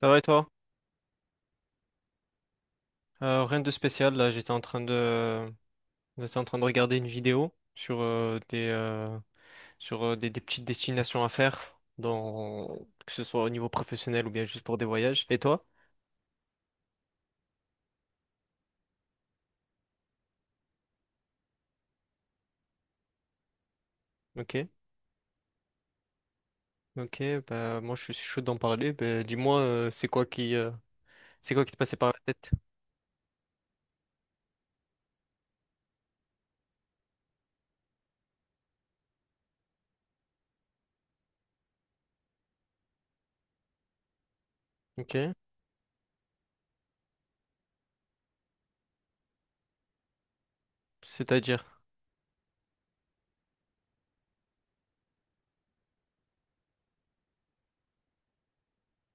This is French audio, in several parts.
Ça va et toi? Rien de spécial, là j'étais en train de regarder une vidéo sur des sur des petites destinations à faire dans que ce soit au niveau professionnel ou bien juste pour des voyages. Et toi? Ok, ok, bah moi je suis chaud d'en parler. Bah, dis-moi c'est quoi qui te passait par la tête? Ok, c'est-à-dire,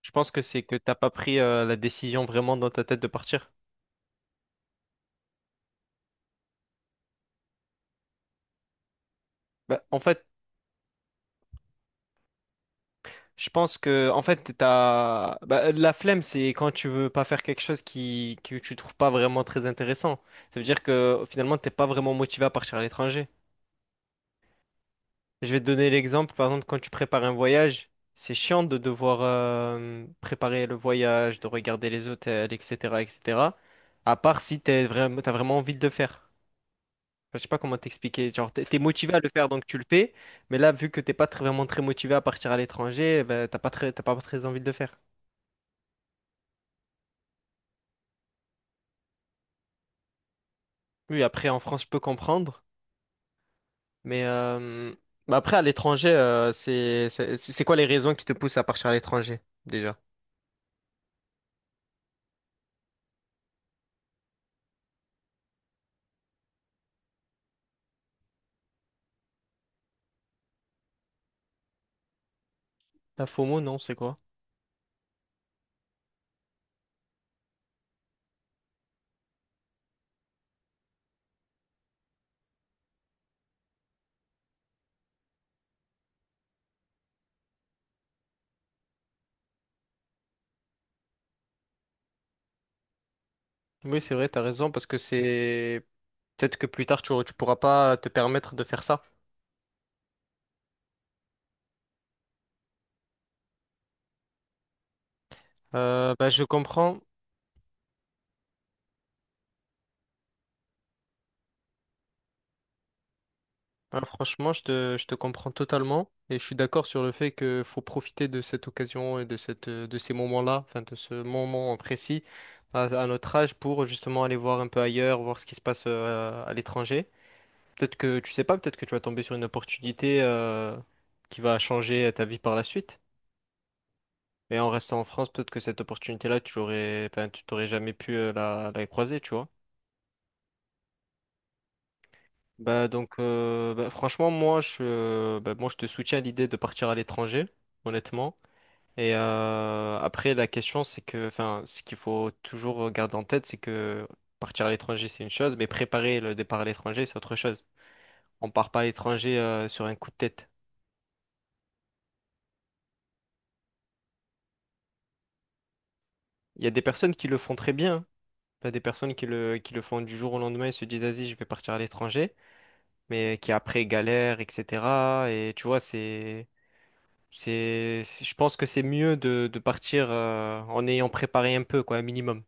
je pense que c'est que t'as pas pris la décision vraiment dans ta tête de partir. Bah, en fait, je pense que, en fait, t'as... Bah, la flemme, c'est quand tu veux pas faire quelque chose que tu trouves pas vraiment très intéressant. Ça veut dire que finalement, t'es pas vraiment motivé à partir à l'étranger. Je vais te donner l'exemple, par exemple, quand tu prépares un voyage, c'est chiant de devoir préparer le voyage, de regarder les hôtels, etc., etc. À part si t'as vraiment envie de le faire. Enfin, je sais pas comment t'expliquer. Genre, t'es motivé à le faire, donc tu le fais. Mais là, vu que t'es pas très- vraiment très motivé à partir à l'étranger, bah, t'as pas très envie de le faire. Oui, après, en France, je peux comprendre. Mais bah après, à l'étranger, c'est quoi les raisons qui te poussent à partir à l'étranger, déjà? La FOMO, non, c'est quoi? Oui, c'est vrai, t'as raison, parce que c'est... Peut-être que plus tard, tu pourras pas te permettre de faire ça. Bah, je comprends. Hein, franchement, je te comprends totalement. Et je suis d'accord sur le fait que faut profiter de cette occasion et de de ces moments-là, enfin, de ce moment précis à notre âge pour justement aller voir un peu ailleurs, voir ce qui se passe à l'étranger. Peut-être que tu sais pas, peut-être que tu vas tomber sur une opportunité qui va changer ta vie par la suite. Et en restant en France, peut-être que cette opportunité-là, tu l'aurais, enfin, tu t'aurais jamais pu la croiser, tu vois. Bah donc, bah, franchement, moi, je te soutiens à l'idée de partir à l'étranger, honnêtement. Et après, la question, c'est que, enfin, ce qu'il faut toujours garder en tête, c'est que partir à l'étranger, c'est une chose, mais préparer le départ à l'étranger, c'est autre chose. On part pas à l'étranger sur un coup de tête. Il y a des personnes qui le font très bien, hein. T'as des personnes qui le font du jour au lendemain et se disent, vas-y, je vais partir à l'étranger, mais qui après galèrent, etc. Et tu vois, je pense que c'est mieux de, partir en ayant préparé un peu, quoi, un minimum.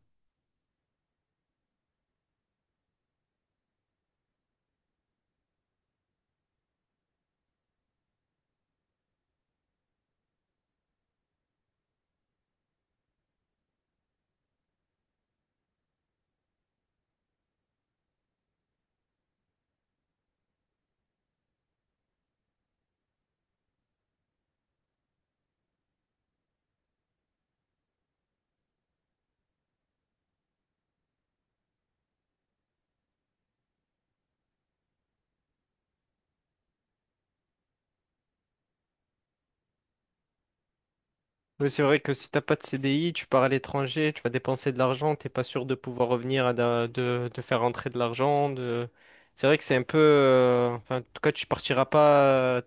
Oui, c'est vrai que si t'as pas de CDI tu pars à l'étranger, tu vas dépenser de l'argent, t'es pas sûr de pouvoir revenir, de, faire rentrer de l'argent. De... C'est vrai que c'est un peu, enfin, en tout cas, tu partiras pas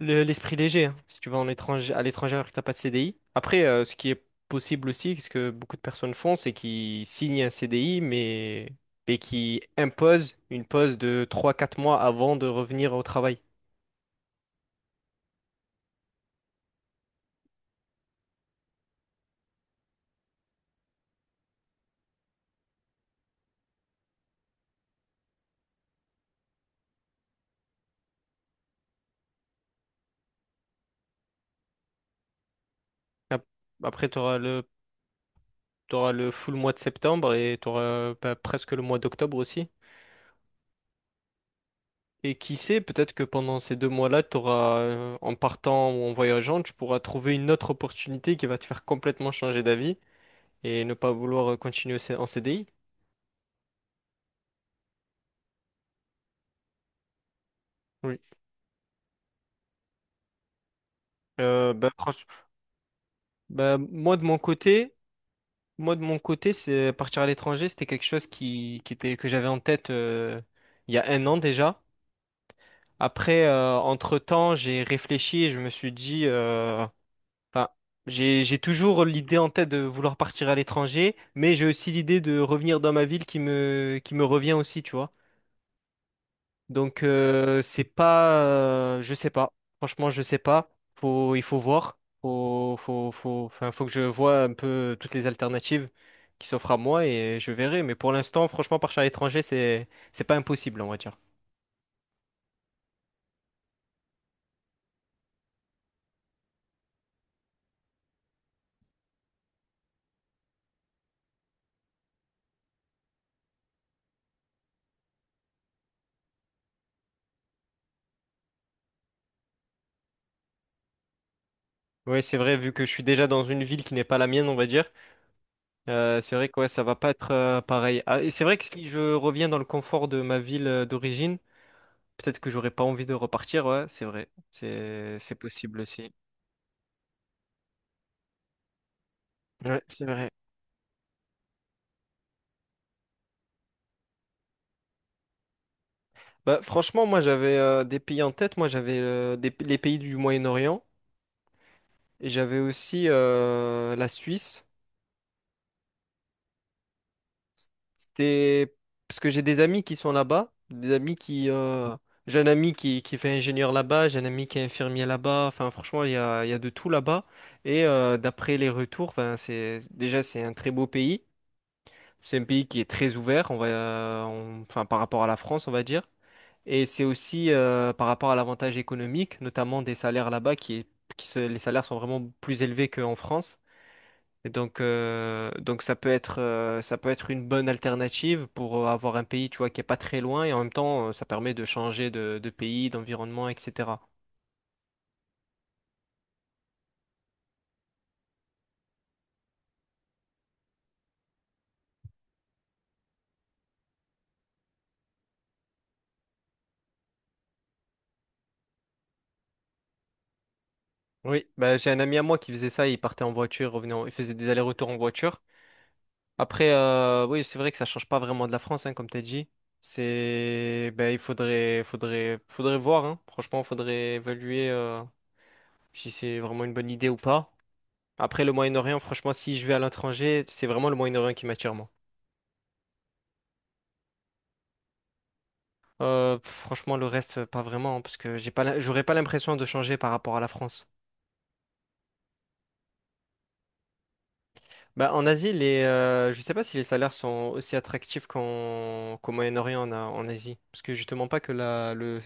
L'esprit léger, hein, si tu vas à l'étranger alors que t'as pas de CDI. Après, ce qui est possible aussi, ce que beaucoup de personnes font, c'est qu'ils signent un CDI, et qui imposent une pause de 3-4 mois avant de revenir au travail. Ap- Après, t'auras le full mois de septembre et tu auras presque le mois d'octobre aussi. Et qui sait, peut-être que pendant ces 2 mois-là, tu auras, en partant ou en voyageant, tu pourras trouver une autre opportunité qui va te faire complètement changer d'avis et ne pas vouloir continuer en CDI. Bah, bah, moi de mon côté, c'est partir à l'étranger, c'était quelque chose qui était que j'avais en tête il y a un an déjà. Après, entre-temps, j'ai réfléchi et je me suis dit, enfin, j'ai toujours l'idée en tête de vouloir partir à l'étranger, mais j'ai aussi l'idée de revenir dans ma ville qui me revient aussi, tu vois. Donc c'est pas, je sais pas. Franchement, je sais pas. Il faut voir. Enfin, faut que je vois un peu toutes les alternatives qui s'offrent à moi et je verrai. Mais pour l'instant, franchement, partir à l'étranger, c'est pas impossible, on va dire. Oui, c'est vrai. Vu que je suis déjà dans une ville qui n'est pas la mienne, on va dire. C'est vrai que ouais, ça va pas être pareil. Ah, et c'est vrai que si je reviens dans le confort de ma ville d'origine, peut-être que j'aurais pas envie de repartir. Ouais, c'est vrai. C'est possible aussi. Ouais, c'est vrai. Bah, franchement, moi j'avais des pays en tête. Moi j'avais les pays du Moyen-Orient et j'avais aussi la Suisse. C'était parce que j'ai des amis qui sont là-bas, des amis qui. J'ai un ami qui fait ingénieur là-bas, j'ai un ami qui est infirmier là-bas. Enfin, franchement, il y a de tout là-bas. Et d'après les retours, enfin, c'est un très beau pays. C'est un pays qui est très ouvert. Enfin, par rapport à la France, on va dire. Et c'est aussi par rapport à l'avantage économique, notamment des salaires là-bas, qui est, qui se- les salaires sont vraiment plus élevés qu'en France. Et donc ça peut être une bonne alternative pour avoir un pays, tu vois, qui est pas très loin et en même temps, ça permet de changer de, pays, d'environnement, etc. Oui, bah, j'ai un ami à moi qui faisait ça, il partait en voiture, il faisait des allers-retours en voiture. Après, oui, c'est vrai que ça change pas vraiment de la France, hein, comme t'as dit. C'est, ben, il faudrait, voir, hein. Franchement, faudrait évaluer si c'est vraiment une bonne idée ou pas. Après, le Moyen-Orient, franchement, si je vais à l'étranger, c'est vraiment le Moyen-Orient qui m'attire, moi. Franchement, le reste, pas vraiment, hein, parce que j'aurais pas l'impression de changer par rapport à la France. Bah, en Asie, je sais pas si les salaires sont aussi attractifs qu'au Moyen-Orient, en Asie. Parce que justement, pas que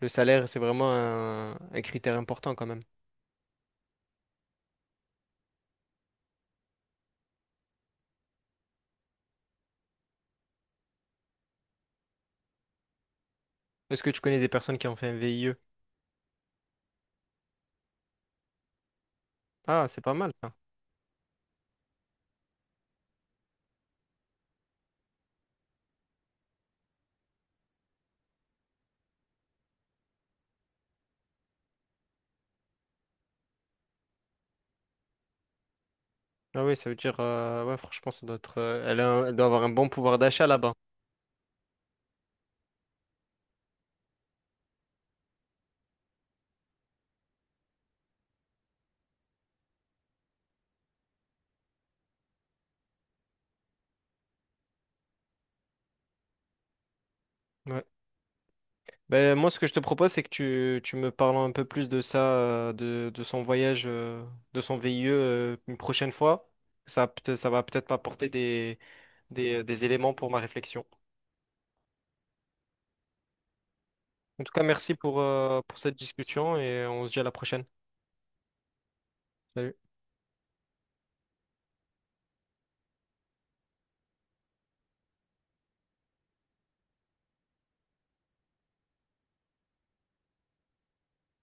le salaire, c'est vraiment un critère important quand même. Est-ce que tu connais des personnes qui ont fait un VIE? Ah, c'est pas mal ça. Ah oui, ça veut dire, ouais, franchement, ça doit être, elle doit avoir un bon pouvoir d'achat là-bas. Ouais. Ben, moi, ce que je te propose, c'est que tu me parles un peu plus de ça, de son voyage, de son VIE, une prochaine fois. Ça, ça va peut-être m'apporter des des éléments pour ma réflexion. En tout cas, merci pour cette discussion et on se dit à la prochaine. Salut.